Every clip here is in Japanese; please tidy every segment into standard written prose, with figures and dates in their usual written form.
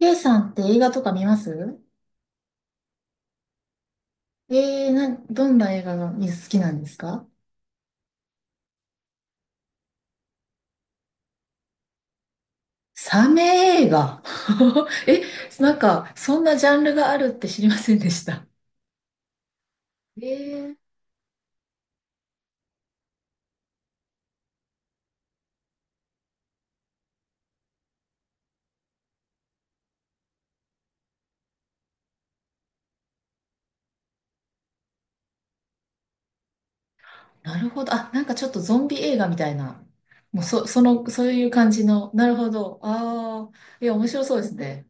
K さんって映画とか見ます？どんな映画が好きなんですか？サメ映画。 え、そんなジャンルがあるって知りませんでした。えー、なるほど。あ、なんかちょっとゾンビ映画みたいな。もうそ、その、そういう感じの。なるほど。ああ、いや、面白そうですね。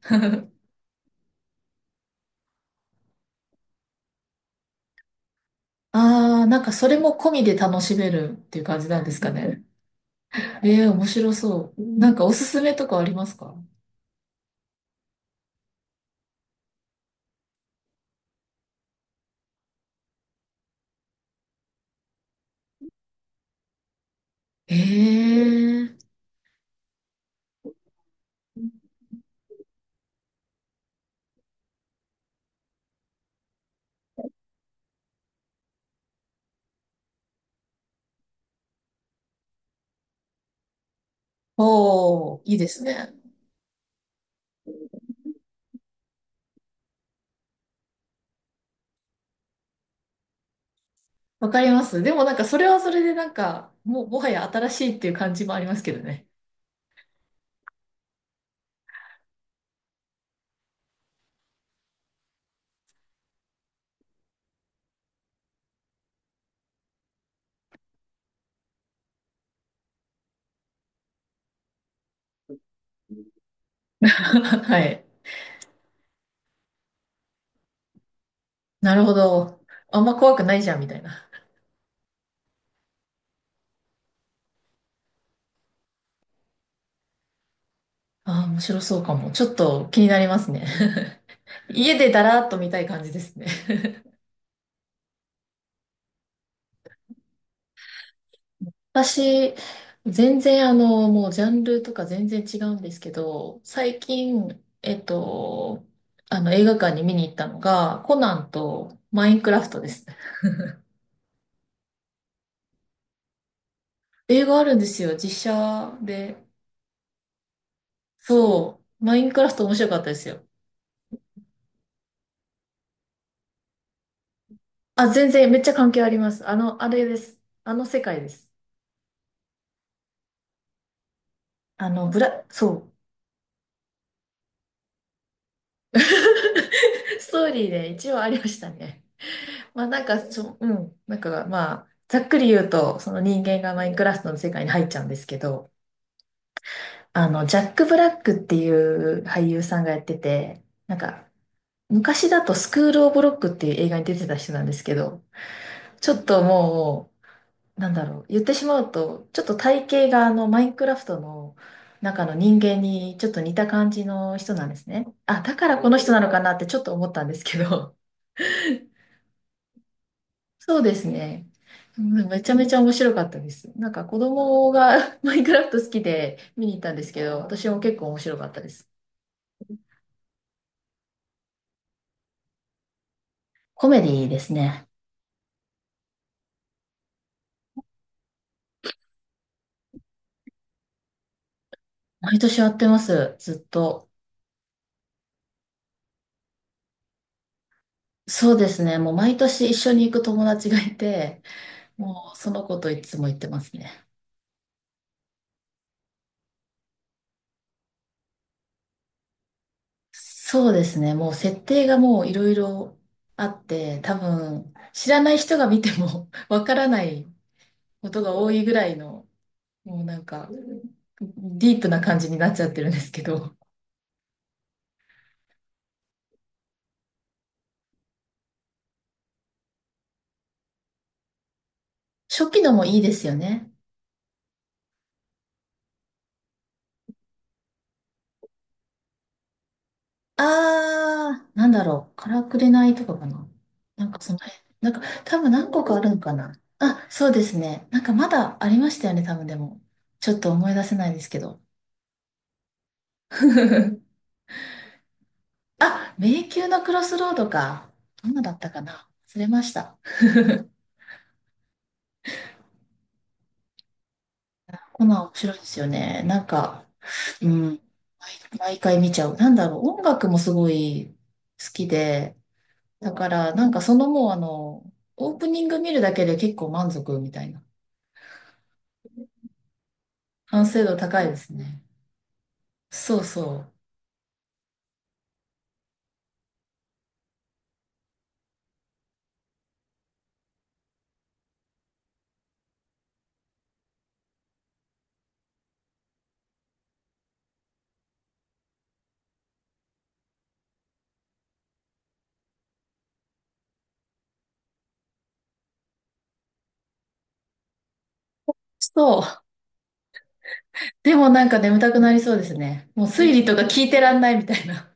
ああ、なんかそれも込みで楽しめるっていう感じなんですかね。えー、面白そう。なんかおすすめとかありますか？ええー、おー、いいですね。わかります。でもなんかそれはそれでなんか、もうもはや新しいっていう感じもありますけどね。はい。なるほど。あんま怖くないじゃんみたいな。ああ、面白そうかも。ちょっと気になりますね。家でだらーっと見たい感じですね。私、全然あの、もうジャンルとか全然違うんですけど、最近、あの映画館に見に行ったのが、コナンとマインクラフトですね。映画あるんですよ、実写で。そう、マインクラフト面白かったですよ。あ、全然めっちゃ関係あります。あの、あれです。あの世界です。そう。ストーリーで一応ありましたね。まあなんか、そう、うん。なんかまあ、ざっくり言うと、その人間がマインクラフトの世界に入っちゃうんですけど、あの、ジャック・ブラックっていう俳優さんがやってて、なんか、昔だとスクール・オブ・ロックっていう映画に出てた人なんですけど、ちょっともう、なんだろう、言ってしまうと、ちょっと体型があのマインクラフトの中の人間にちょっと似た感じの人なんですね。あ、だからこの人なのかなってちょっと思ったんですけど、そうですね。うん、めちゃめちゃ面白かったです。なんか子供が マインクラフト好きで見に行ったんですけど、私も結構面白かったです。コメディですね。毎年やってます、ずっと。そうですね。もう毎年一緒に行く友達がいて、もうその子といつも行ってますね。そうですね。もう設定がもういろいろあって、多分知らない人が見ても わからないことが多いぐらいの、もうなんかディープな感じになっちゃってるんですけど。初期のもいいですよね。あー、なんだろう。からくれないとかかな。なんかその辺。なんか多分何個かあるのかな。あ、そうですね。なんかまだありましたよね、多分でも。ちょっと思い出せないですけど。あ、迷宮のクロスロードか。どんなだったかな、忘れました。こナン面白いですよね。なんか、うん、毎回見ちゃう。なんだろう、音楽もすごい好きで、だからなんかそのもうあの、オープニング見るだけで結構満足みたいな。完成度高いですね。そうそう。そう。でもなんか眠たくなりそうですね。もう推理とか聞いてらんないみたいな。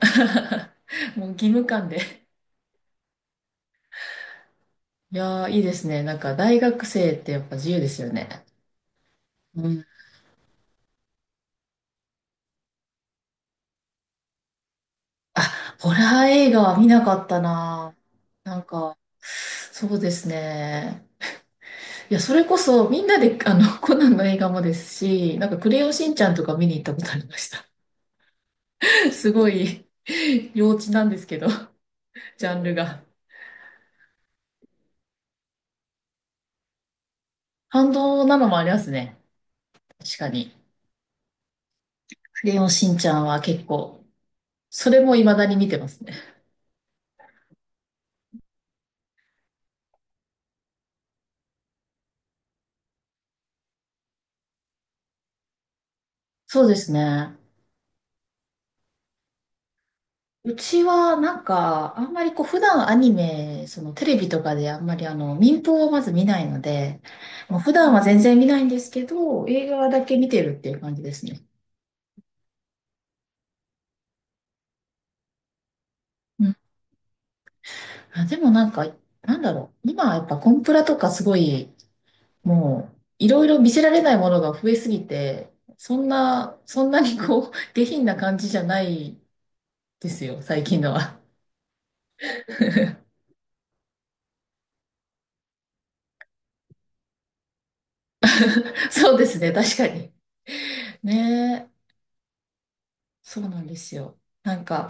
もう義務感で。いやー、いいですね。なんか大学生ってやっぱ自由ですよね。うん。あ、ホラー映画は見なかったな。なんか、そうですね。いや、それこそみんなで、あの、コナンの映画もですし、なんかクレヨンしんちゃんとか見に行ったことありました。すごい、幼稚なんですけど、ジャンルが。反動なのもありますね。確かに。クレヨンしんちゃんは結構、それも未だに見てますね。そうですね。うちはなんか、あんまりこう、普段アニメ、そのテレビとかであんまりあの、民放をまず見ないので、もう普段は全然見ないんですけど、映画だけ見てるっていう感じですね。うん。あ、でもなんか、なんだろう。今はやっぱコンプラとかすごい、もう、いろいろ見せられないものが増えすぎて、そんなにこう、下品な感じじゃないですよ、最近のは。そうですね、確かに。ね、そうなんですよ。なんか、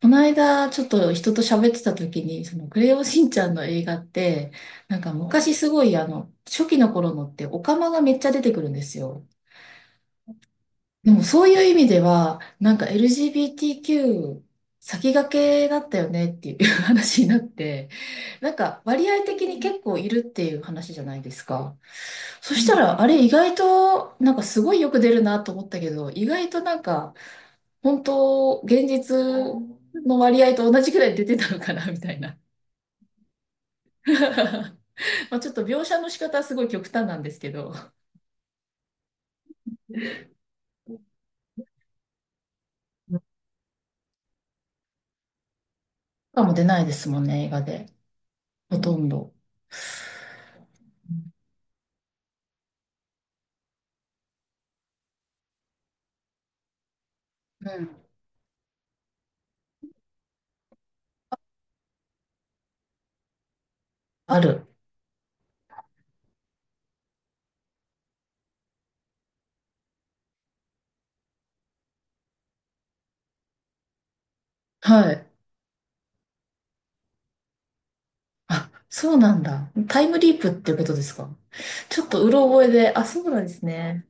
この間、ちょっと人と喋ってた時に、その、クレヨンしんちゃんの映画って、なんか昔すごい、あの、初期の頃のって、オカマがめっちゃ出てくるんですよ。でも、そういう意味では、なんか LGBTQ 先駆けだったよねっていう 話になって、なんか、割合的に結構いるっていう話じゃないですか。そしたら、あれ意外と、なんかすごいよく出るなと思ったけど、意外となんか、本当、現実の割合と同じくらい出てたのかな、みたいな。まあちょっと描写の仕方はすごい極端なんですけど。かも出ないですもんね、映画で。ほとんど。うん。ある。はい。あ、そうなんだ。タイムリープっていうことですか？ちょっとうろ覚えで、あ、そうなんですね。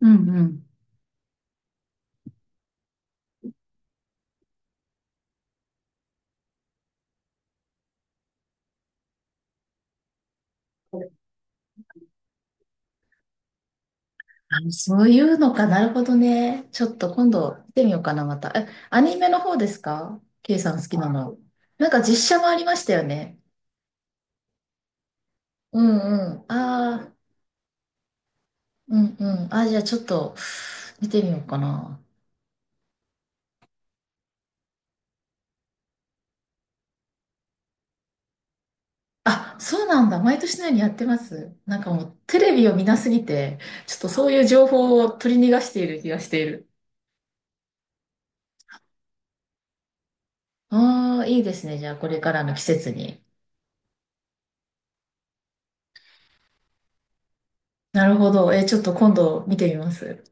うんうん。あ、そういうのか。なるほどね。ちょっと今度見てみようかな、また。え、アニメの方ですか？ K さん好きなの。なんか実写もありましたよね。うんうん。ああ、うんうん。あ、じゃあちょっと見てみようかな。あ、そうなんだ。毎年のようにやってます。なんかもうテレビを見なすぎて、ちょっとそういう情報を取り逃がしている気がしている。ああ、いいですね。じゃあこれからの季節に。なるほど。え、ちょっと今度見てみます。